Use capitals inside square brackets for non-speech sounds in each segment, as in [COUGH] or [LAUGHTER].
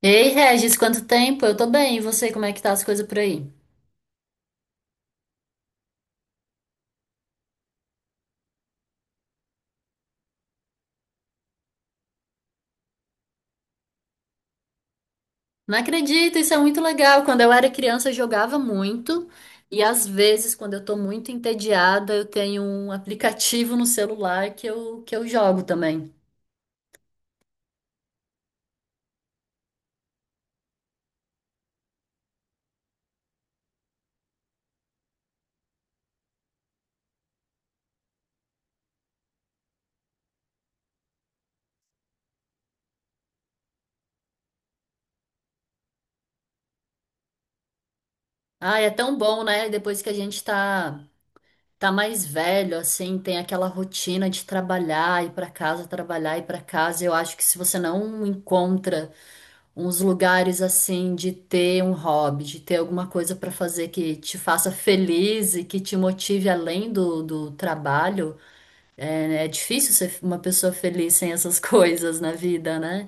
Ei, Regis, quanto tempo? Eu tô bem, e você, como é que tá as coisas por aí? Não acredito, isso é muito legal. Quando eu era criança, eu jogava muito, e às vezes, quando eu tô muito entediada, eu tenho um aplicativo no celular que eu jogo também. Ah, é tão bom, né? Depois que a gente tá mais velho, assim, tem aquela rotina de trabalhar, ir pra casa, trabalhar, ir pra casa. Eu acho que se você não encontra uns lugares assim de ter um hobby, de ter alguma coisa para fazer que te faça feliz e que te motive além do trabalho. É difícil ser uma pessoa feliz sem essas [LAUGHS] coisas na vida, né?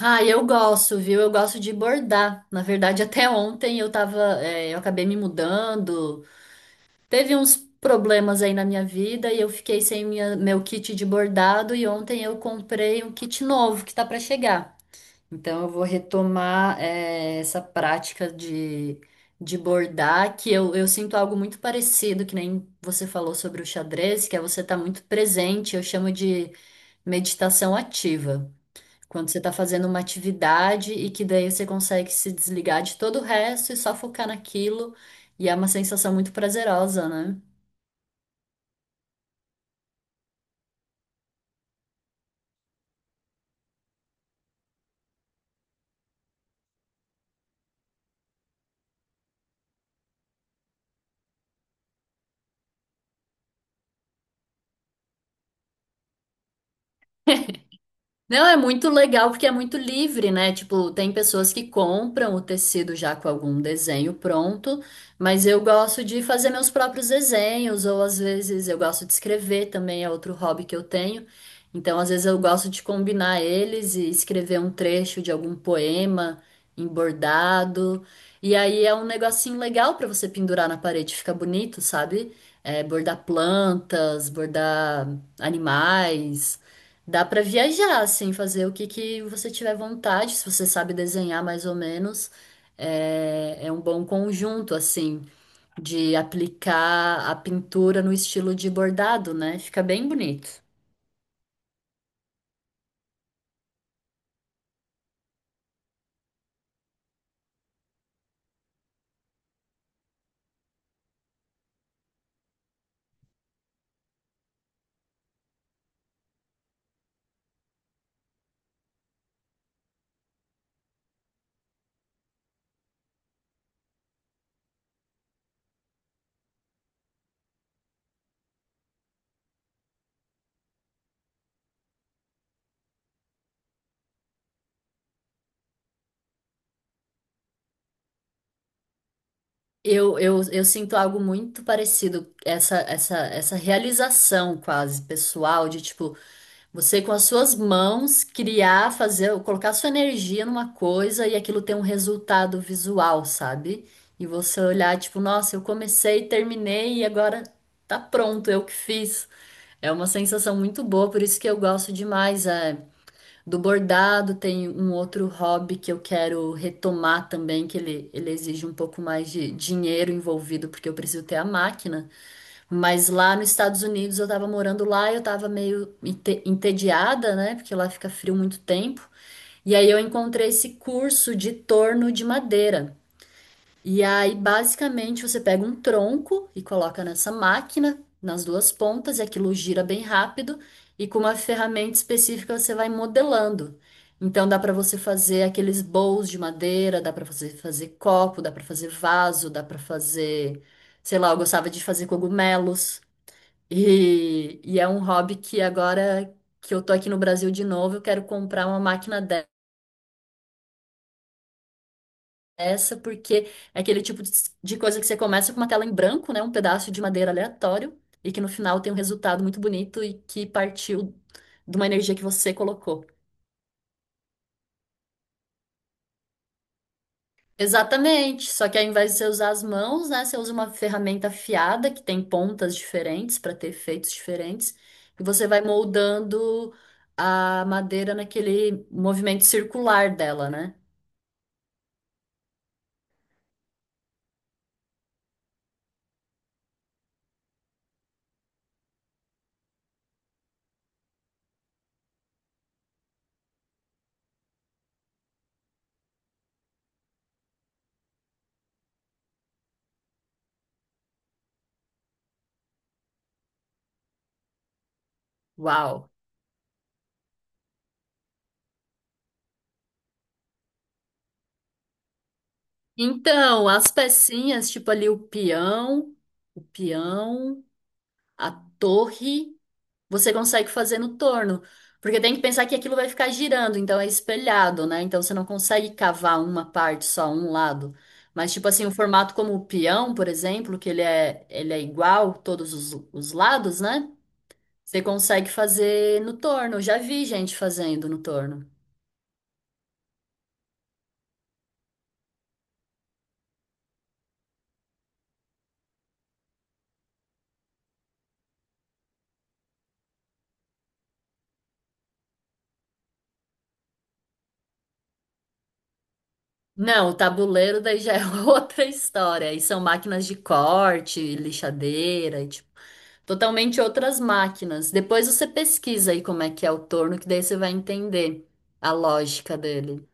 Ah, eu gosto, viu? Eu gosto de bordar. Na verdade, até ontem eu tava, eu acabei me mudando. Teve uns problemas aí na minha vida e eu fiquei sem meu kit de bordado e ontem eu comprei um kit novo que tá para chegar. Então, eu vou retomar essa prática de bordar, que eu sinto algo muito parecido, que nem você falou sobre o xadrez, que é você estar muito presente, eu chamo de meditação ativa. Quando você está fazendo uma atividade e que daí você consegue se desligar de todo o resto e só focar naquilo, e é uma sensação muito prazerosa, né? Não, é muito legal porque é muito livre, né? Tipo, tem pessoas que compram o tecido já com algum desenho pronto, mas eu gosto de fazer meus próprios desenhos, ou às vezes eu gosto de escrever também, é outro hobby que eu tenho. Então, às vezes eu gosto de combinar eles e escrever um trecho de algum poema em bordado. E aí é um negocinho legal para você pendurar na parede, fica bonito, sabe? É, bordar plantas, bordar animais. Dá pra viajar, assim, fazer o que que você tiver vontade, se você sabe desenhar mais ou menos. É um bom conjunto, assim, de aplicar a pintura no estilo de bordado, né? Fica bem bonito. Eu sinto algo muito parecido, essa realização quase pessoal, de tipo, você com as suas mãos criar, fazer, colocar sua energia numa coisa e aquilo ter um resultado visual, sabe? E você olhar tipo, nossa, eu comecei, terminei e agora tá pronto, eu que fiz. É uma sensação muito boa, por isso que eu gosto demais, do bordado. Tem um outro hobby que eu quero retomar também, que ele exige um pouco mais de dinheiro envolvido, porque eu preciso ter a máquina. Mas lá nos Estados Unidos eu tava morando lá, e eu tava meio entediada, né? Porque lá fica frio muito tempo. E aí eu encontrei esse curso de torno de madeira. E aí, basicamente, você pega um tronco e coloca nessa máquina, nas duas pontas, e aquilo gira bem rápido, e com uma ferramenta específica você vai modelando. Então dá para você fazer aqueles bowls de madeira, dá para você fazer copo, dá para fazer vaso, dá para fazer, sei lá, eu gostava de fazer cogumelos. E é um hobby que agora que eu tô aqui no Brasil de novo, eu quero comprar uma máquina dessa, porque é aquele tipo de coisa que você começa com uma tela em branco, né? Um pedaço de madeira aleatório, e que no final tem um resultado muito bonito e que partiu de uma energia que você colocou. Exatamente, só que ao invés de você usar as mãos, né, você usa uma ferramenta afiada que tem pontas diferentes para ter efeitos diferentes, e você vai moldando a madeira naquele movimento circular dela, né? Uau. Então, as pecinhas, tipo ali o peão, a torre, você consegue fazer no torno. Porque tem que pensar que aquilo vai ficar girando, então é espelhado, né? Então você não consegue cavar uma parte só, um lado. Mas, tipo assim, um formato como o peão, por exemplo, que ele é igual todos os lados, né? Você consegue fazer no torno. Eu já vi gente fazendo no torno. Não, o tabuleiro daí já é [LAUGHS] outra história. E são máquinas de corte, lixadeira, e, tipo, totalmente outras máquinas. Depois você pesquisa aí como é que é o torno, que daí você vai entender a lógica dele.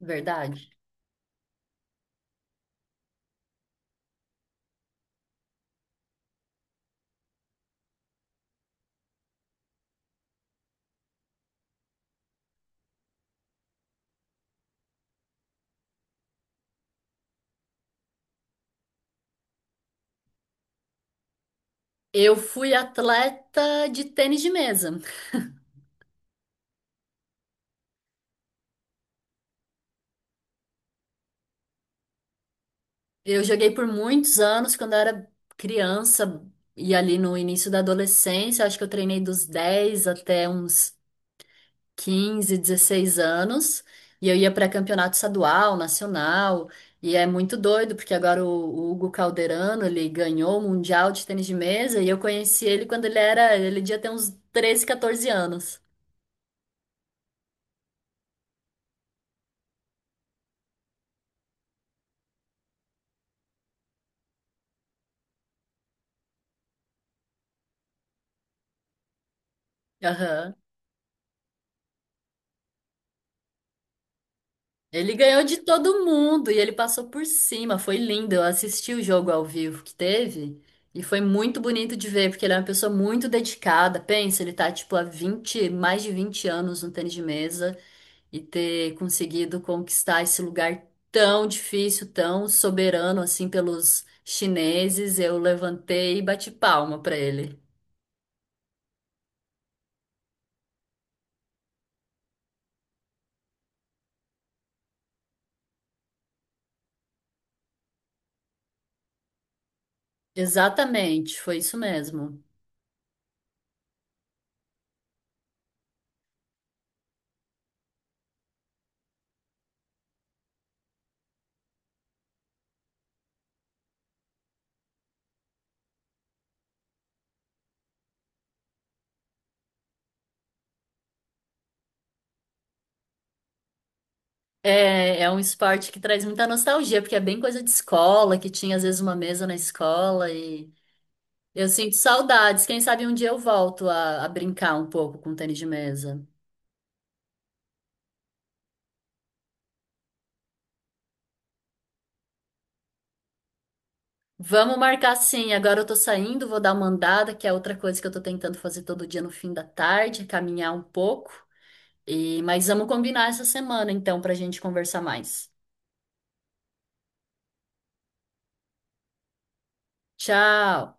Verdade. Eu fui atleta de tênis de mesa. Eu joguei por muitos anos quando eu era criança e ali no início da adolescência, acho que eu treinei dos 10 até uns 15, 16 anos, e eu ia para campeonato estadual, nacional, e é muito doido, porque agora o Hugo Calderano, ele ganhou o Mundial de Tênis de Mesa, e eu conheci ele quando ele devia ter uns 13, 14 anos. Aham. Ele ganhou de todo mundo, e ele passou por cima, foi lindo, eu assisti o jogo ao vivo que teve, e foi muito bonito de ver, porque ele é uma pessoa muito dedicada, pensa, ele tá, tipo, há 20 mais de 20 anos no tênis de mesa, e ter conseguido conquistar esse lugar tão difícil, tão soberano assim pelos chineses, eu levantei e bati palma para ele. Exatamente, foi isso mesmo. É um esporte que traz muita nostalgia, porque é bem coisa de escola, que tinha às vezes uma mesa na escola e eu sinto saudades. Quem sabe um dia eu volto a brincar um pouco com tênis de mesa. Vamos marcar sim. Agora eu tô saindo, vou dar uma andada, que é outra coisa que eu tô tentando fazer todo dia no fim da tarde, é caminhar um pouco. E mas vamos combinar essa semana então pra gente conversar mais. Tchau.